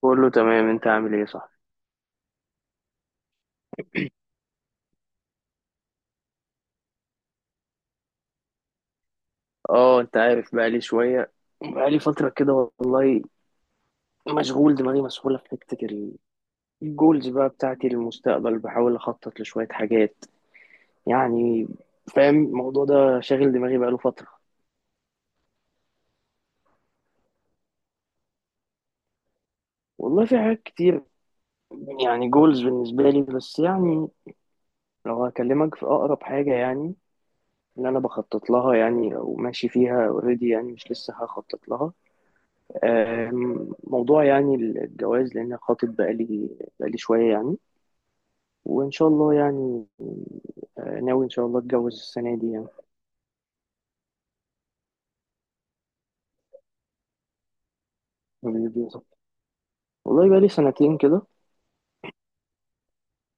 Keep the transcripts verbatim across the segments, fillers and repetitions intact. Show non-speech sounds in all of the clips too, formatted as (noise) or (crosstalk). كله تمام، انت عامل ايه؟ صح. اه انت عارف بقالي شوية، بقالي فترة كده والله. مشغول، دماغي مسحولة في حتة ال- الجولز بقى بتاعتي للمستقبل، بحاول اخطط لشوية حاجات يعني فاهم، الموضوع ده شاغل دماغي بقاله فترة. والله في حاجات كتير يعني جولز بالنسبة لي، بس يعني لو هكلمك في اقرب حاجة يعني اللي انا بخطط لها يعني، او ماشي فيها اوريدي، يعني مش لسه هخطط لها. آم، موضوع يعني الجواز، لأن خاطب بقالي بقالي شوية يعني، وإن شاء الله يعني. آه، ناوي إن شاء الله أتجوز السنة دي يعني. والله بقالي سنتين كده.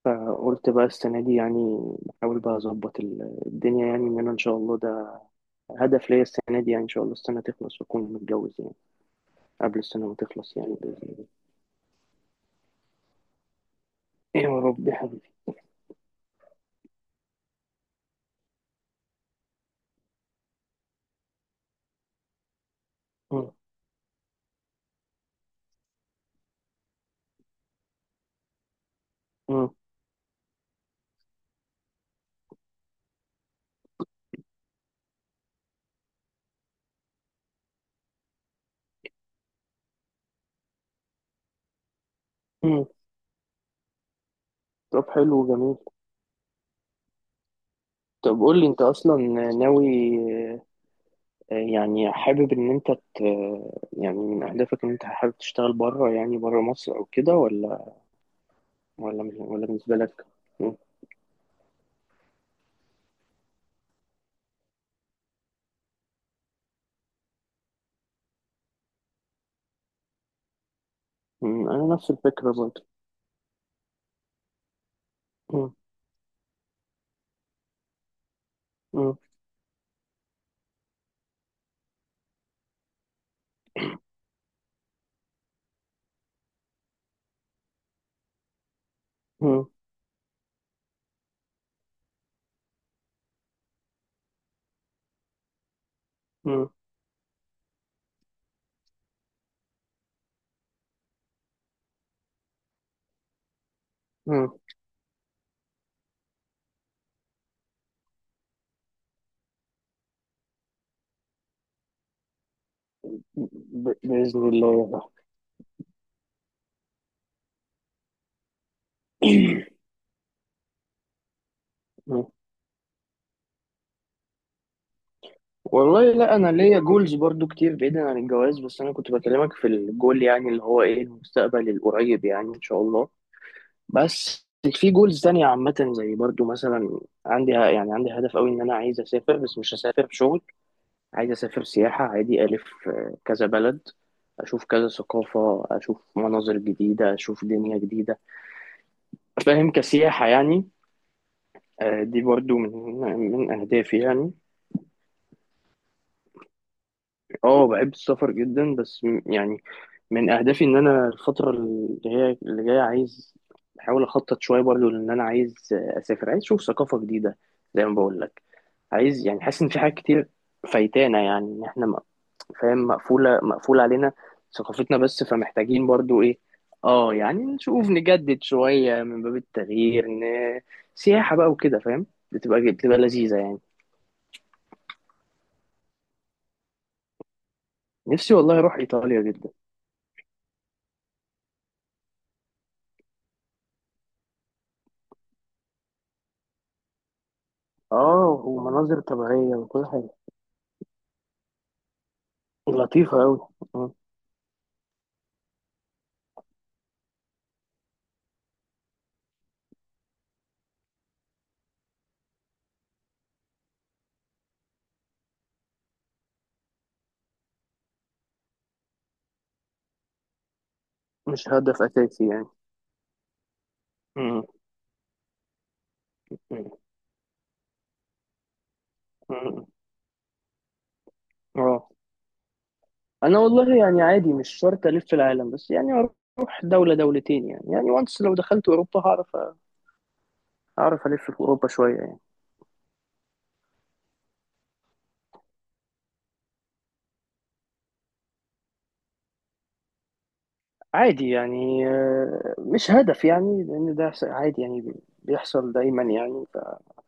فقلت بقى السنة دي يعني بحاول بقى أظبط ال- الدنيا، يعني إن أنا إن شاء الله ده هدف ليا السنة دي، يعني إن شاء الله السنة تخلص وأكون متجوز، يعني قبل السنة ما تخلص، يعني بإذن الله. يا رب يا حبيبي. مم. مم. مم. طب حلو، جميل. طب قول لي أنت أصلا ناوي، يعني حابب ان انت ت... يعني من اهدافك ان انت حابب تشتغل بره، يعني بره مصر او كده، ولا ولا مش- ولا بالنسبه لك؟ مم. مم. انا نفس الفكره برضه. مم. مم. مم. مم. مم. ب... باذن الله يا صاحبي. (clears throat) مم. والله لا، انا ليا جولز برضو كتير بعيدا عن الجواز، بس انا كنت بكلمك في الجول يعني اللي هو ايه المستقبل القريب، يعني ان شاء الله. بس في جولز تانية عامة زي برضو، مثلا عندي يعني، عندي هدف قوي ان انا عايز اسافر، بس مش هسافر شغل، عايز أسافر سياحة عادي، ألف آه، كذا بلد، أشوف كذا ثقافة، أشوف مناظر جديدة، أشوف دنيا جديدة. فاهم؟ كسياحة يعني. آه، دي برضو من من أهدافي يعني. اه بحب السفر جدا، بس م- يعني من أهدافي إن أنا الفترة اللي هي اللي جاية، عايز بحاول أخطط شوية برضو، لأن أنا عايز آه، أسافر، عايز أشوف ثقافة جديدة، زي ما بقول لك. عايز يعني، حاسس إن في حاجات كتير فايتانا، يعني إن إحنا فاهم، مقفولة مقفول علينا ثقافتنا بس، فمحتاجين برضو ايه، اه يعني نشوف، نجدد شوية من باب التغيير، ن... سياحة بقى وكده، فاهم؟ بتبقى بتبقى لذيذة يعني. نفسي والله اروح ايطاليا جدا. اه، ومناظر طبيعية وكل حاجة لطيفة أوي. م. مش هدف اساسي يعني. م. م. م. اه. انا والله يعني عادي، مش شرط الف العالم، بس يعني اروح دولة دولتين يعني، يعني وانس. لو دخلت اوروبا هعرف هعرف الف في اوروبا شوية يعني. عادي يعني، آه، مش هدف يعني، لأن ده س- عادي يعني بي- بيحصل دايما يعني. ف...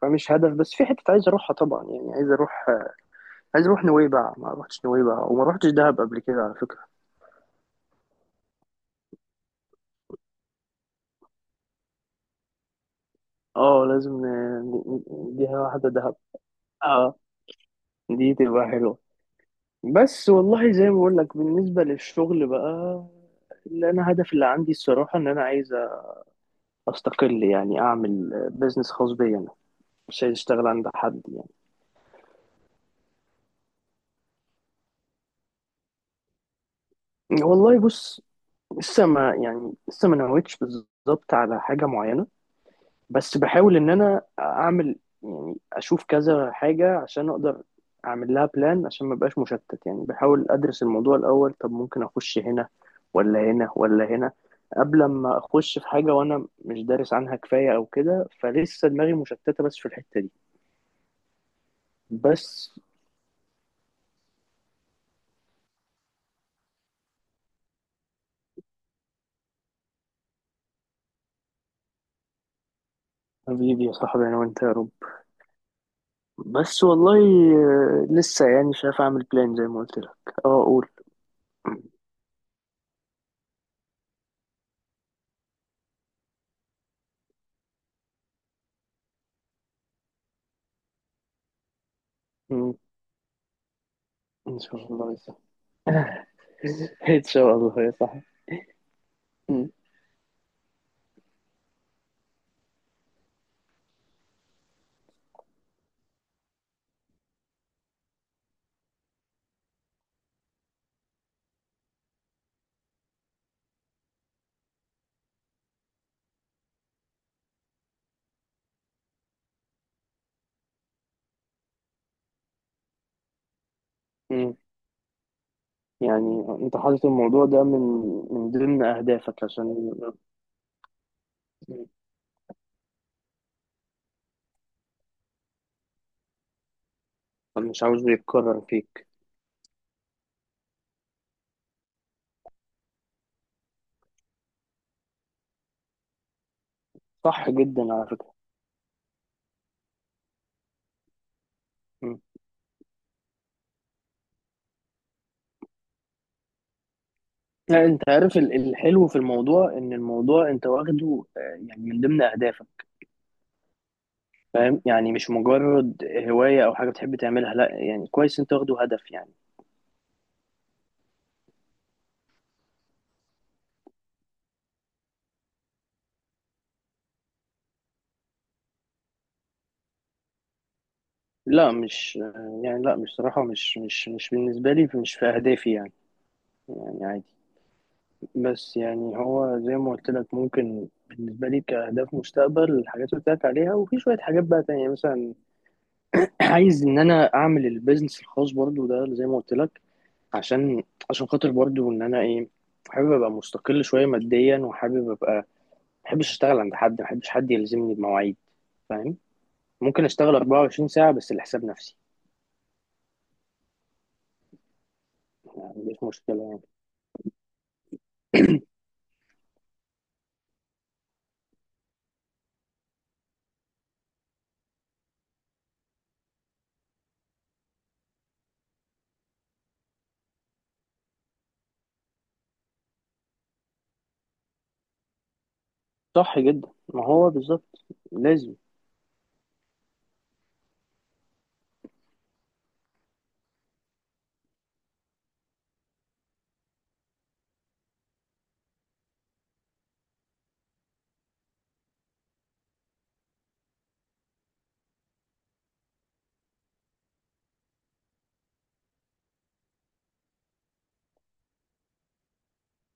فمش هدف، بس في حتة عايز أروحها طبعا، يعني عايز أروح آه، عايز أروح نويبع، ما روحتش نويبع وما روحتش دهب قبل كده على فكرة. اه لازم. آه، ن- ن- دي واحدة، دهب. اه دي تبقى حلوة. بس والله زي ما بقول لك، بالنسبة للشغل بقى اللي أنا هدف اللي عندي، الصراحة إن أنا عايز أستقل، يعني أعمل بيزنس خاص بيا أنا، مش عايز أشتغل عند حد يعني. والله بص، لسه ما يعني، لسه ما نويتش بالظبط على حاجة معينة، بس بحاول إن أنا أعمل، يعني أشوف كذا حاجة عشان أقدر أعمل لها بلان، عشان ما بقاش مشتت يعني، بحاول أدرس الموضوع الأول. طب ممكن أخش هنا ولا هنا ولا هنا قبل ما أخش في حاجة وأنا مش دارس عنها كفاية أو كده، فلسه دماغي مشتتة بس في الحتة دي. بس حبيبي يا صاحبي، أنا وأنت يا رب. بس والله آه، لسه يعني شايف أعمل بلان زي ما قلت لك. أه. أقول، ان شاء الله يا صاحبي. (laughs) ان شاء الله يا صاحبي. م- م. يعني انت حاطط الموضوع ده من من ضمن اهدافك عشان مش عاوزه يتكرر فيك. صح جدا على فكرة. م. لا، انت عارف ال- الحلو في الموضوع ان الموضوع انت واخده آه، يعني من ضمن اهدافك، فاهم يعني، مش مجرد هواية او حاجة بتحب تعملها، لا يعني كويس انت واخده هدف يعني. لا، مش آه، يعني لا مش صراحة، مش مش مش بالنسبة لي، مش في اهدافي يعني، يعني عادي. بس يعني هو زي ما قلت لك، ممكن بالنسبة لي كأهداف مستقبل الحاجات اللي قلت لك عليها، وفي شوية حاجات بقى تانية مثلا. (clears throat) عايز إن أنا أعمل البيزنس الخاص برضو ده زي ما قلت لك، عشان عشان خاطر برضو إن أنا إيه، حابب أبقى مستقل شوية ماديا، وحابب أبقى ما، بحبش أشتغل عند حد، ما بحبش حد يلزمني بمواعيد، فاهم؟ ممكن أشتغل اربعة وعشرين ساعة بس لحساب نفسي، يعني ما عنديش مشكلة يعني. صح جدا، ما هو بالظبط لازم.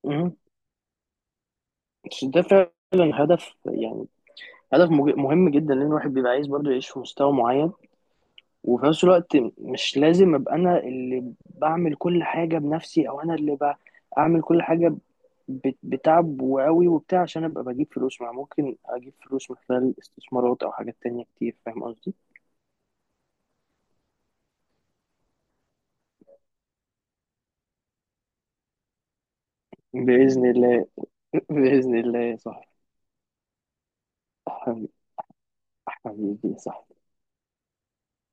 مهم. بس ده فعلا هدف يعني، هدف مج- مهم جدا، لان الواحد بيبقى عايز برضه يعيش في مستوى معين، وفي نفس الوقت مش لازم ابقى انا اللي بعمل كل حاجه بنفسي، او انا اللي بعمل كل حاجه، ب- بتعب وقوي وبتاع عشان ابقى بجيب فلوس، مع ممكن اجيب فلوس من خلال استثمارات او حاجات تانية كتير. فاهم قصدي؟ باذن الله. (laughs) باذن الله، صح. حبيبي، صح.